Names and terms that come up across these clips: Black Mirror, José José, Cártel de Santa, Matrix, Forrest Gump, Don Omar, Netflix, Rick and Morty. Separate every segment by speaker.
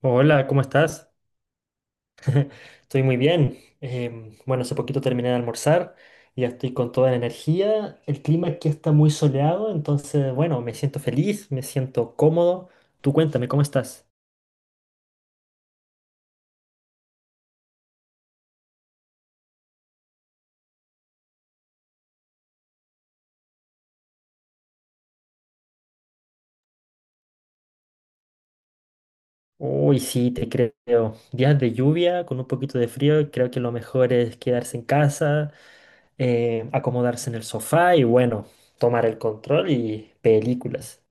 Speaker 1: Hola, ¿cómo estás? Estoy muy bien. Bueno, hace poquito terminé de almorzar y ya estoy con toda la energía. El clima aquí está muy soleado, entonces, bueno, me siento feliz, me siento cómodo. Tú cuéntame, ¿cómo estás? Uy, sí, te creo. Días de lluvia con un poquito de frío, creo que lo mejor es quedarse en casa, acomodarse en el sofá y, bueno, tomar el control y películas.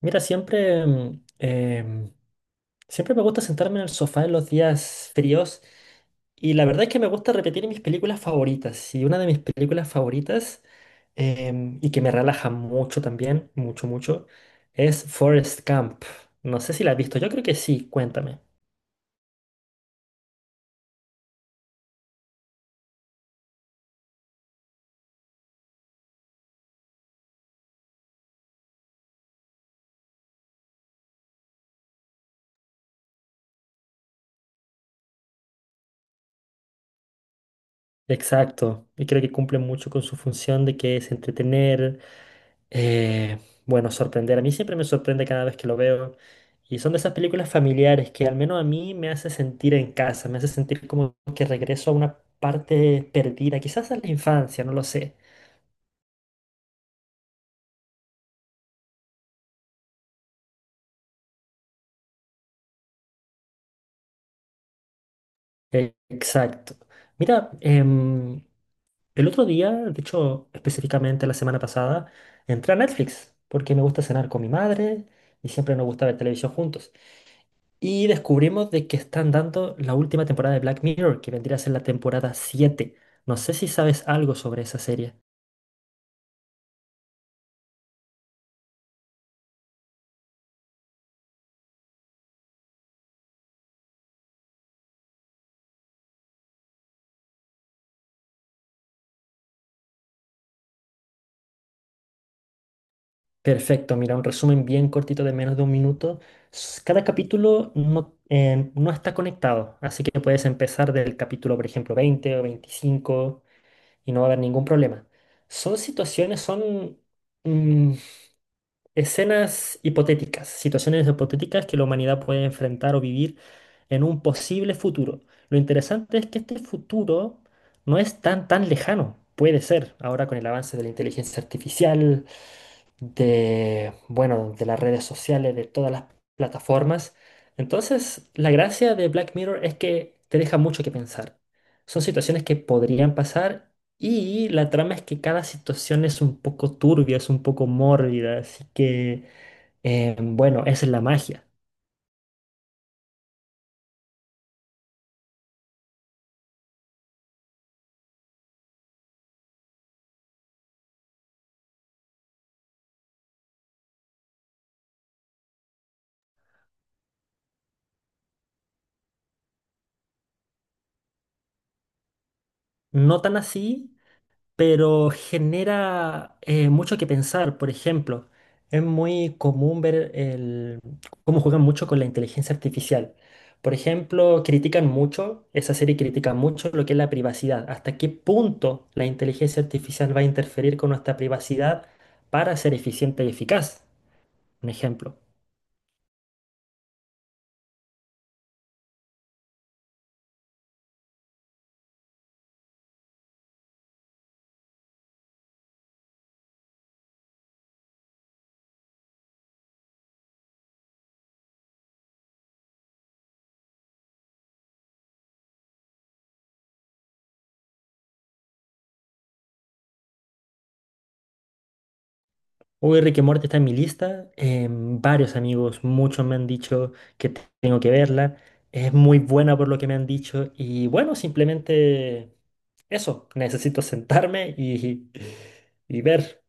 Speaker 1: Mira, Siempre me gusta sentarme en el sofá en los días fríos y la verdad es que me gusta repetir mis películas favoritas. Y una de mis películas favoritas, y que me relaja mucho también, mucho, mucho, es Forrest Gump. No sé si la has visto, yo creo que sí, cuéntame. Exacto, y creo que cumple mucho con su función de que es entretener, Eh, bueno, sorprender. A mí siempre me sorprende cada vez que lo veo. Y son de esas películas familiares que al menos a mí me hace sentir en casa, me hace sentir como que regreso a una parte perdida, quizás a la infancia, no lo sé. Exacto. Mira, em, el otro día, de hecho, específicamente la semana pasada, entré a Netflix porque me gusta cenar con mi madre y siempre nos gusta ver televisión juntos. Y descubrimos de que están dando la última temporada de Black Mirror, que vendría a ser la temporada 7. No sé si sabes algo sobre esa serie. Perfecto, mira, un resumen bien cortito de menos de un minuto. Cada capítulo no, no está conectado, así que puedes empezar del capítulo, por ejemplo, 20 o 25 y no va a haber ningún problema. Son situaciones, son mm, escenas hipotéticas, situaciones hipotéticas que la humanidad puede enfrentar o vivir en un posible futuro. Lo interesante es que este futuro no es tan tan lejano. Puede ser, ahora con el avance de la inteligencia artificial, de, bueno, de las redes sociales, de todas las plataformas. Entonces, la gracia de Black Mirror es que te deja mucho que pensar. Son situaciones que podrían pasar y la trama es que cada situación es un poco turbia, es un poco mórbida, así que bueno, esa es la magia. No tan así, pero genera mucho que pensar. Por ejemplo, es muy común ver cómo juegan mucho con la inteligencia artificial. Por ejemplo, critican mucho, esa serie critica mucho lo que es la privacidad. ¿Hasta qué punto la inteligencia artificial va a interferir con nuestra privacidad para ser eficiente y eficaz? Un ejemplo. Uy, Rick and Morty está en mi lista. Varios amigos, muchos me han dicho que tengo que verla. Es muy buena por lo que me han dicho. Y bueno, simplemente eso. Necesito sentarme y, y ver.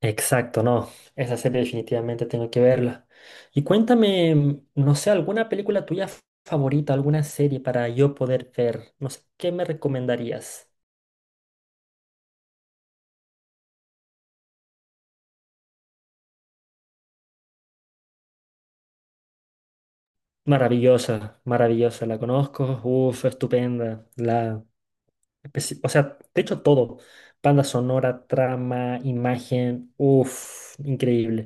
Speaker 1: Exacto, no. Esa serie definitivamente tengo que verla. Y cuéntame, no sé, alguna película tuya favorita, alguna serie para yo poder ver. No sé, ¿qué me recomendarías? Maravillosa, maravillosa, la conozco. Uf, estupenda. O sea, de hecho todo. Banda sonora, trama, imagen. Uff, increíble.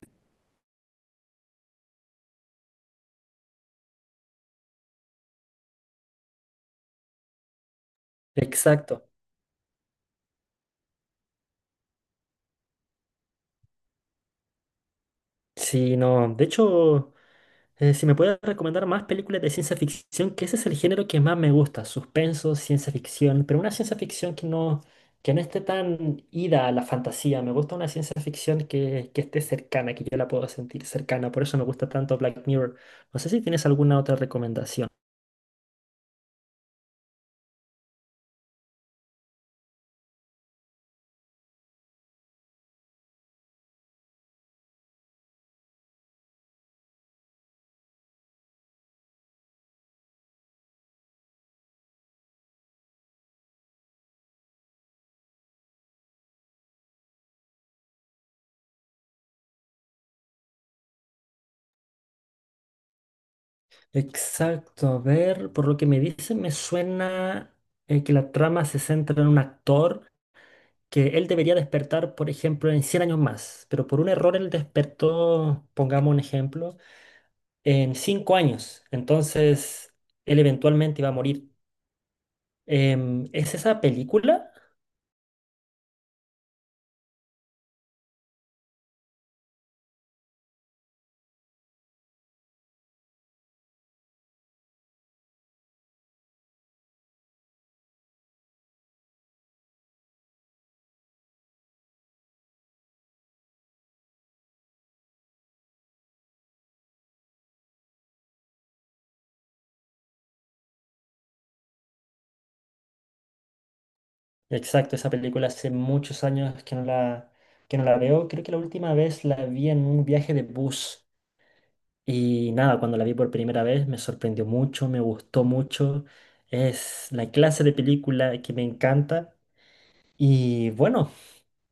Speaker 1: Exacto. Sí, no. De hecho, si me puedes recomendar más películas de ciencia ficción, que ese es el género que más me gusta. Suspenso, ciencia ficción. Pero una ciencia ficción que no, esté tan ida a la fantasía. Me gusta una ciencia ficción que esté cercana, que yo la pueda sentir cercana. Por eso me gusta tanto Black Mirror. No sé si tienes alguna otra recomendación. Exacto, a ver, por lo que me dicen me suena que la trama se centra en un actor que él debería despertar, por ejemplo, en 100 años más, pero por un error él despertó, pongamos un ejemplo, en 5 años, entonces él eventualmente iba a morir. ¿Es esa película? Exacto, esa película hace muchos años que no que no la veo, creo que la última vez la vi en un viaje de bus. Y nada, cuando la vi por primera vez me sorprendió mucho, me gustó mucho. Es la clase de película que me encanta. Y bueno,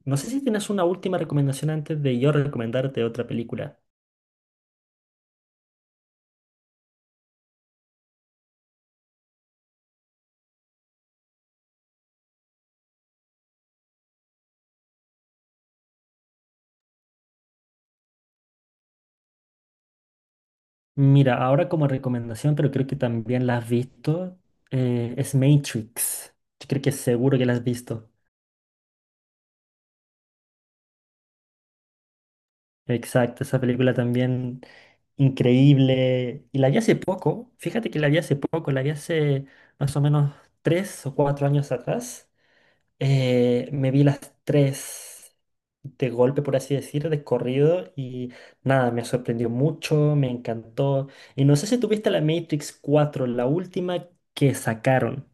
Speaker 1: no sé si tienes una última recomendación antes de yo recomendarte otra película. Mira, ahora como recomendación, pero creo que también la has visto, es Matrix. Yo creo que seguro que la has visto. Exacto, esa película también increíble. Y la vi hace poco, fíjate que la vi hace poco, la vi hace más o menos 3 o 4 años atrás. Me vi las tres de golpe, por así decir, de corrido y nada, me sorprendió mucho, me encantó. Y no sé si tuviste la Matrix 4 la última que sacaron.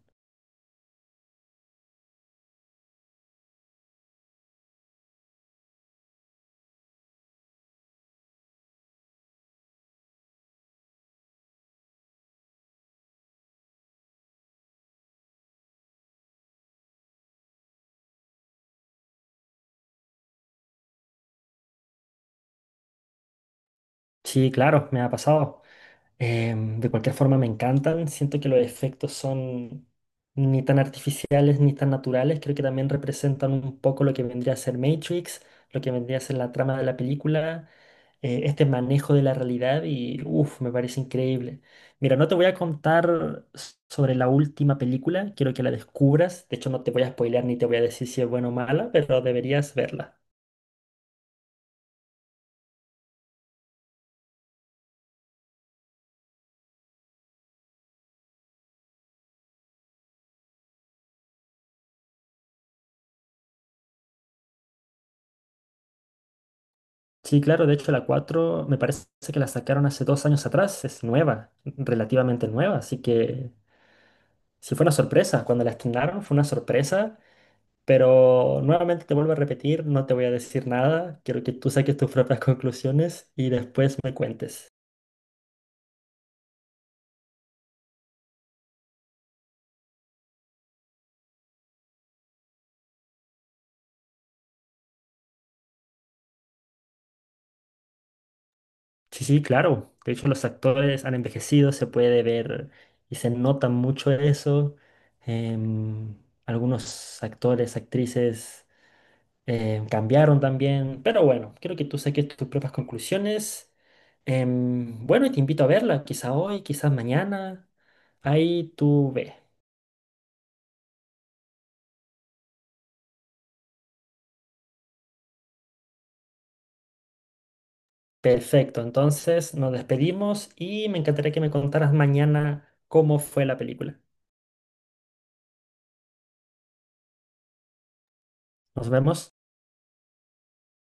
Speaker 1: Sí, claro, me ha pasado. De cualquier forma me encantan, siento que los efectos son ni tan artificiales ni tan naturales, creo que también representan un poco lo que vendría a ser Matrix, lo que vendría a ser la trama de la película, este manejo de la realidad y uff, me parece increíble. Mira, no te voy a contar sobre la última película, quiero que la descubras, de hecho no te voy a spoilear ni te voy a decir si es buena o mala, pero deberías verla. Sí, claro, de hecho la 4 me parece que la sacaron hace 2 años atrás, es nueva, relativamente nueva, así que sí fue una sorpresa, cuando la estrenaron fue una sorpresa, pero nuevamente te vuelvo a repetir, no te voy a decir nada, quiero que tú saques tus propias conclusiones y después me cuentes. Sí, sí, claro, de hecho los actores han envejecido, se puede ver y se nota mucho eso, em, algunos actores, actrices cambiaron también, pero bueno, creo que tú saques tus propias conclusiones. Bueno, y te invito a verla, quizá hoy, quizás mañana. Ahí tú ve. Perfecto, entonces nos despedimos y me encantaría que me contaras mañana cómo fue la película. Nos vemos.